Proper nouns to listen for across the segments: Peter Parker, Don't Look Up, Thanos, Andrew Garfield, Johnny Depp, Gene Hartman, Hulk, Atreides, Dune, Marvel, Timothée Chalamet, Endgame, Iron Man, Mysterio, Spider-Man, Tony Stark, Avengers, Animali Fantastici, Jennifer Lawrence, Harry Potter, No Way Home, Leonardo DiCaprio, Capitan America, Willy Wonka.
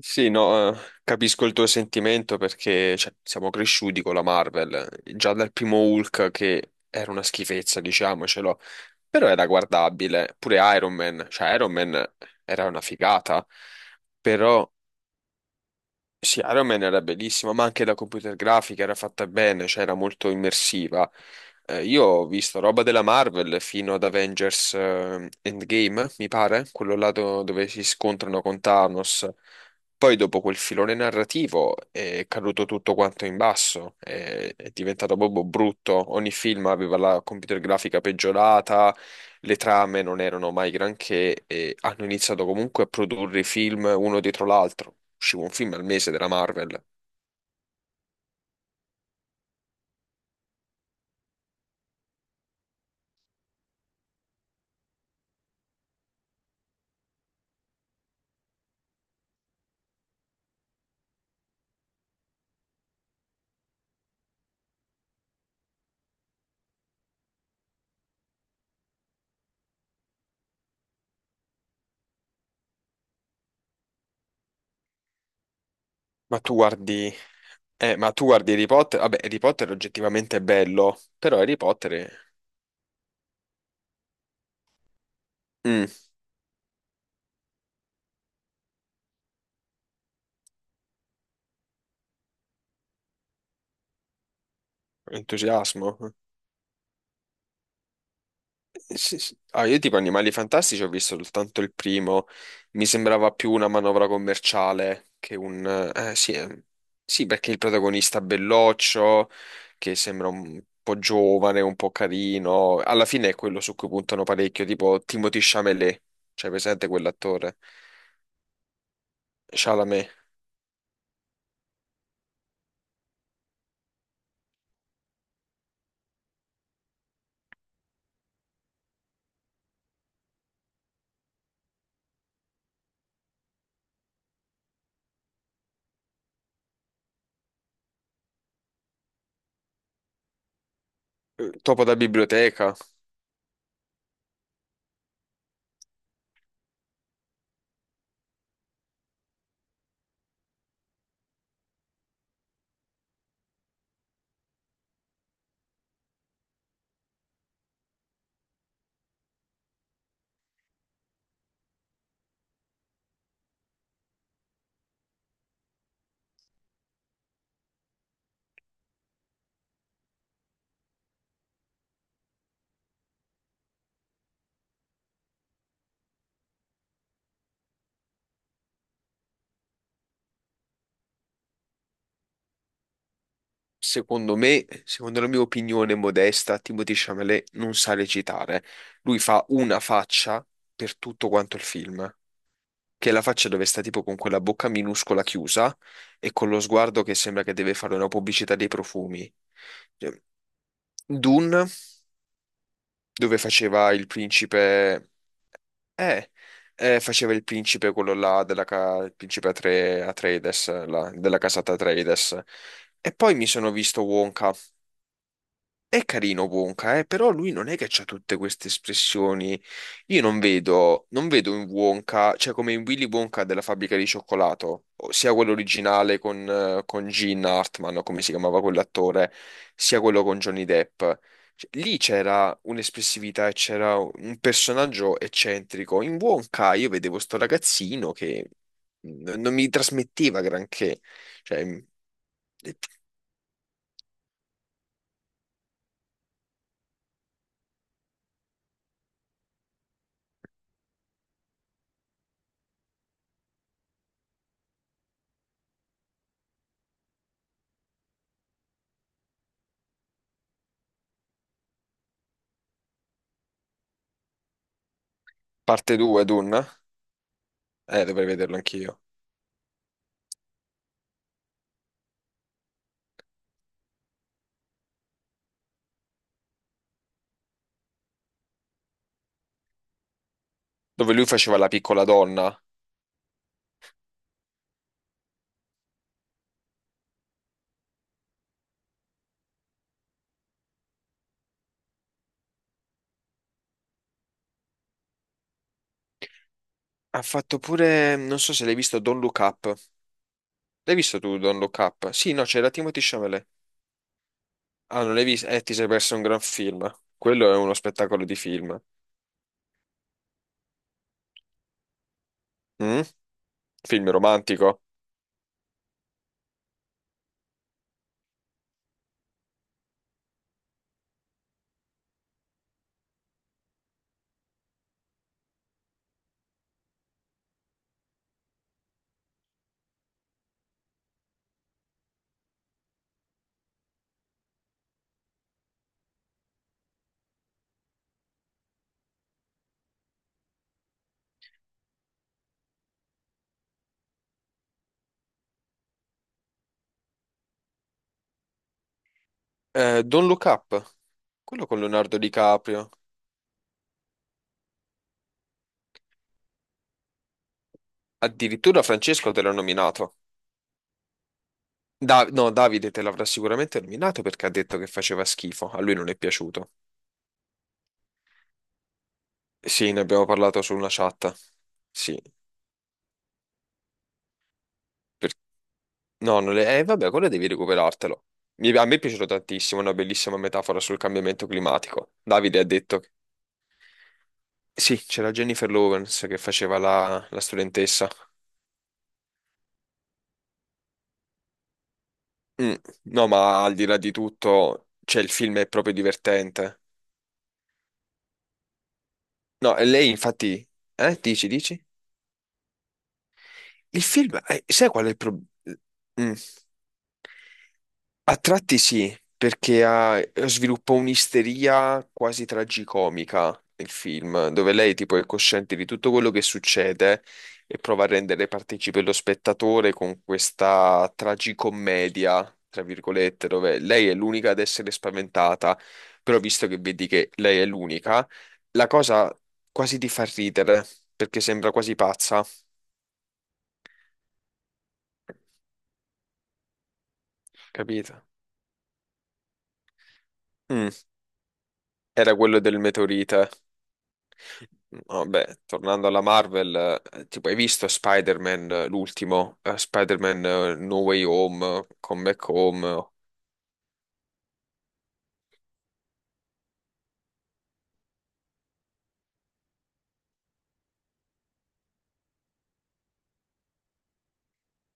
Sì, no, capisco il tuo sentimento perché cioè, siamo cresciuti con la Marvel, già dal primo Hulk che era una schifezza, diciamocelo, però era guardabile, pure Iron Man, cioè Iron Man era una figata, però sì, Iron Man era bellissima, ma anche la computer grafica era fatta bene, cioè era molto immersiva. Io ho visto roba della Marvel fino ad Avengers Endgame, mi pare, quello là dove si scontrano con Thanos. Poi dopo quel filone narrativo è caduto tutto quanto in basso, è diventato proprio brutto. Ogni film aveva la computer grafica peggiorata, le trame non erano mai granché e hanno iniziato comunque a produrre i film uno dietro l'altro. Usciva un film al mese della Marvel. Ma tu guardi, ma tu guardi Harry Potter? Vabbè, Harry Potter oggettivamente è bello, però Harry Potter è... Mm, entusiasmo. Sì, sì. Ah, io tipo Animali Fantastici ho visto soltanto il primo, mi sembrava più una manovra commerciale che un... eh, sì, eh, sì, perché il protagonista belloccio, che sembra un po' giovane, un po' carino, alla fine è quello su cui puntano parecchio, tipo Timothée Chalamet, cioè presente quell'attore? Chalamet. Topo da biblioteca. Secondo me, secondo la mia opinione modesta, Timothée Chalamet non sa recitare. Lui fa una faccia per tutto quanto il film, che è la faccia dove sta tipo con quella bocca minuscola chiusa e con lo sguardo che sembra che deve fare una pubblicità dei profumi. Cioè, Dune, dove Eh, faceva il principe quello là, della il principe Atreides, là, della casata Atreides. E poi mi sono visto Wonka. È carino Wonka, però lui non è che ha tutte queste espressioni. Io non vedo, non vedo in Wonka, cioè come in Willy Wonka della fabbrica di cioccolato, o sia quello originale con Gene Hartman, o come si chiamava quell'attore, sia quello con Johnny Depp. Cioè, lì c'era un'espressività e c'era un personaggio eccentrico. In Wonka io vedevo sto ragazzino che non mi trasmetteva granché. Cioè, parte 2, Dun, dovrei vederlo anch'io. Dove lui faceva la piccola donna. Ha fatto pure, non so se l'hai visto, Don't Look Up. L'hai visto tu, Don't Look Up? Sì, no, c'era Timothy Chalamet. Ah, non l'hai visto? Ti sei perso un gran film. Quello è uno spettacolo di film. Mm? Film romantico. Don't Look Up, quello con Leonardo DiCaprio. Addirittura Francesco te l'ha nominato. No, Davide te l'avrà sicuramente nominato perché ha detto che faceva schifo. A lui non è piaciuto. Sì, ne abbiamo parlato su una chat. Sì, perché no, non le... vabbè, quello devi recuperartelo. A me è piaciuto tantissimo, una bellissima metafora sul cambiamento climatico. Davide ha detto... Sì, c'era Jennifer Lawrence che faceva la studentessa. Mm, no, ma al di là di tutto, cioè, il film è proprio divertente. No, e lei infatti... dici, dici? Il film... sai qual è il problema? A tratti sì, perché sviluppa un'isteria quasi tragicomica nel film, dove lei tipo è cosciente di tutto quello che succede e prova a rendere partecipe lo spettatore con questa tragicommedia, tra virgolette, dove lei è l'unica ad essere spaventata, però visto che vedi che lei è l'unica, la cosa quasi ti fa ridere, perché sembra quasi pazza, capito? Mm, era quello del meteorite. Vabbè, tornando alla Marvel, tipo, hai visto Spider-Man, l'ultimo, Spider-Man No Way Home, Come Back Home.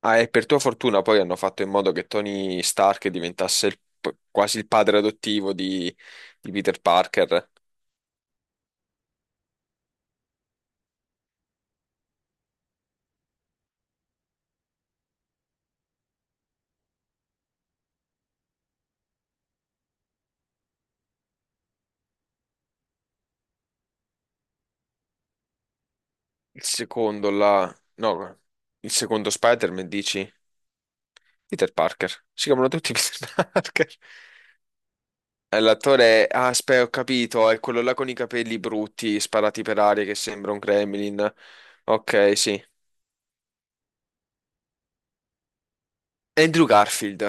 Ah, e per tua fortuna poi hanno fatto in modo che Tony Stark diventasse il quasi il padre adottivo di Peter Parker. Il secondo, la... no, il secondo Spider-Man, dici? Peter Parker. Si chiamano tutti Peter Parker. L'attore è... Ah, aspetta, ho capito, è quello là con i capelli brutti, sparati per aria, che sembra un Gremlin. Ok, sì. Andrew Garfield,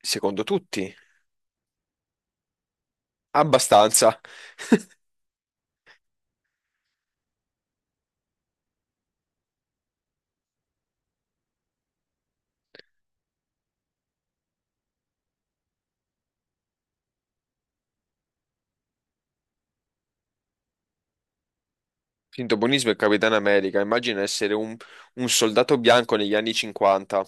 secondo tutti, abbastanza. Finto buonismo e Capitano America, immagina essere un soldato bianco negli anni 50.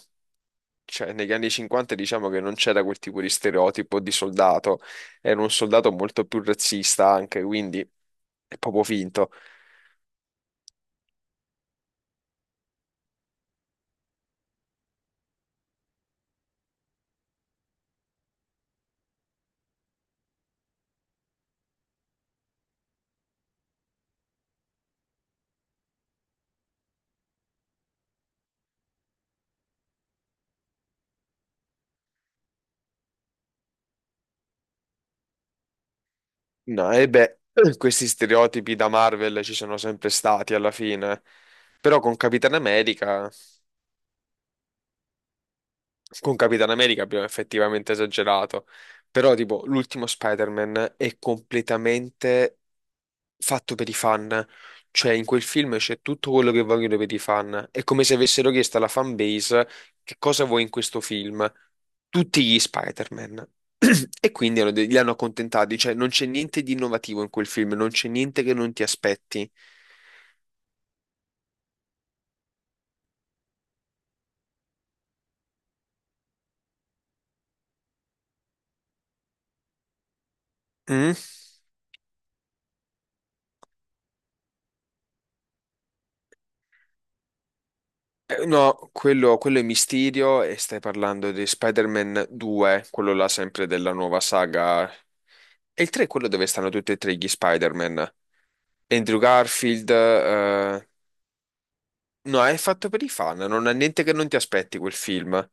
Cioè, negli anni 50 diciamo che non c'era quel tipo di stereotipo di soldato, era un soldato molto più razzista anche, quindi è proprio finto. No, e beh, questi stereotipi da Marvel ci sono sempre stati alla fine. Però con Capitan America. Con Capitan America abbiamo effettivamente esagerato, però tipo l'ultimo Spider-Man è completamente fatto per i fan, cioè in quel film c'è tutto quello che vogliono per i fan, è come se avessero chiesto alla fan base che cosa vuoi in questo film, tutti gli Spider-Man. E quindi li hanno accontentati, cioè non c'è niente di innovativo in quel film, non c'è niente che non ti aspetti. Mm? No, quello è Mysterio e stai parlando di Spider-Man 2, quello là sempre della nuova saga. E il 3 è quello dove stanno tutti e tre gli Spider-Man. Andrew Garfield, no, è fatto per i fan, non ha niente che non ti aspetti quel film.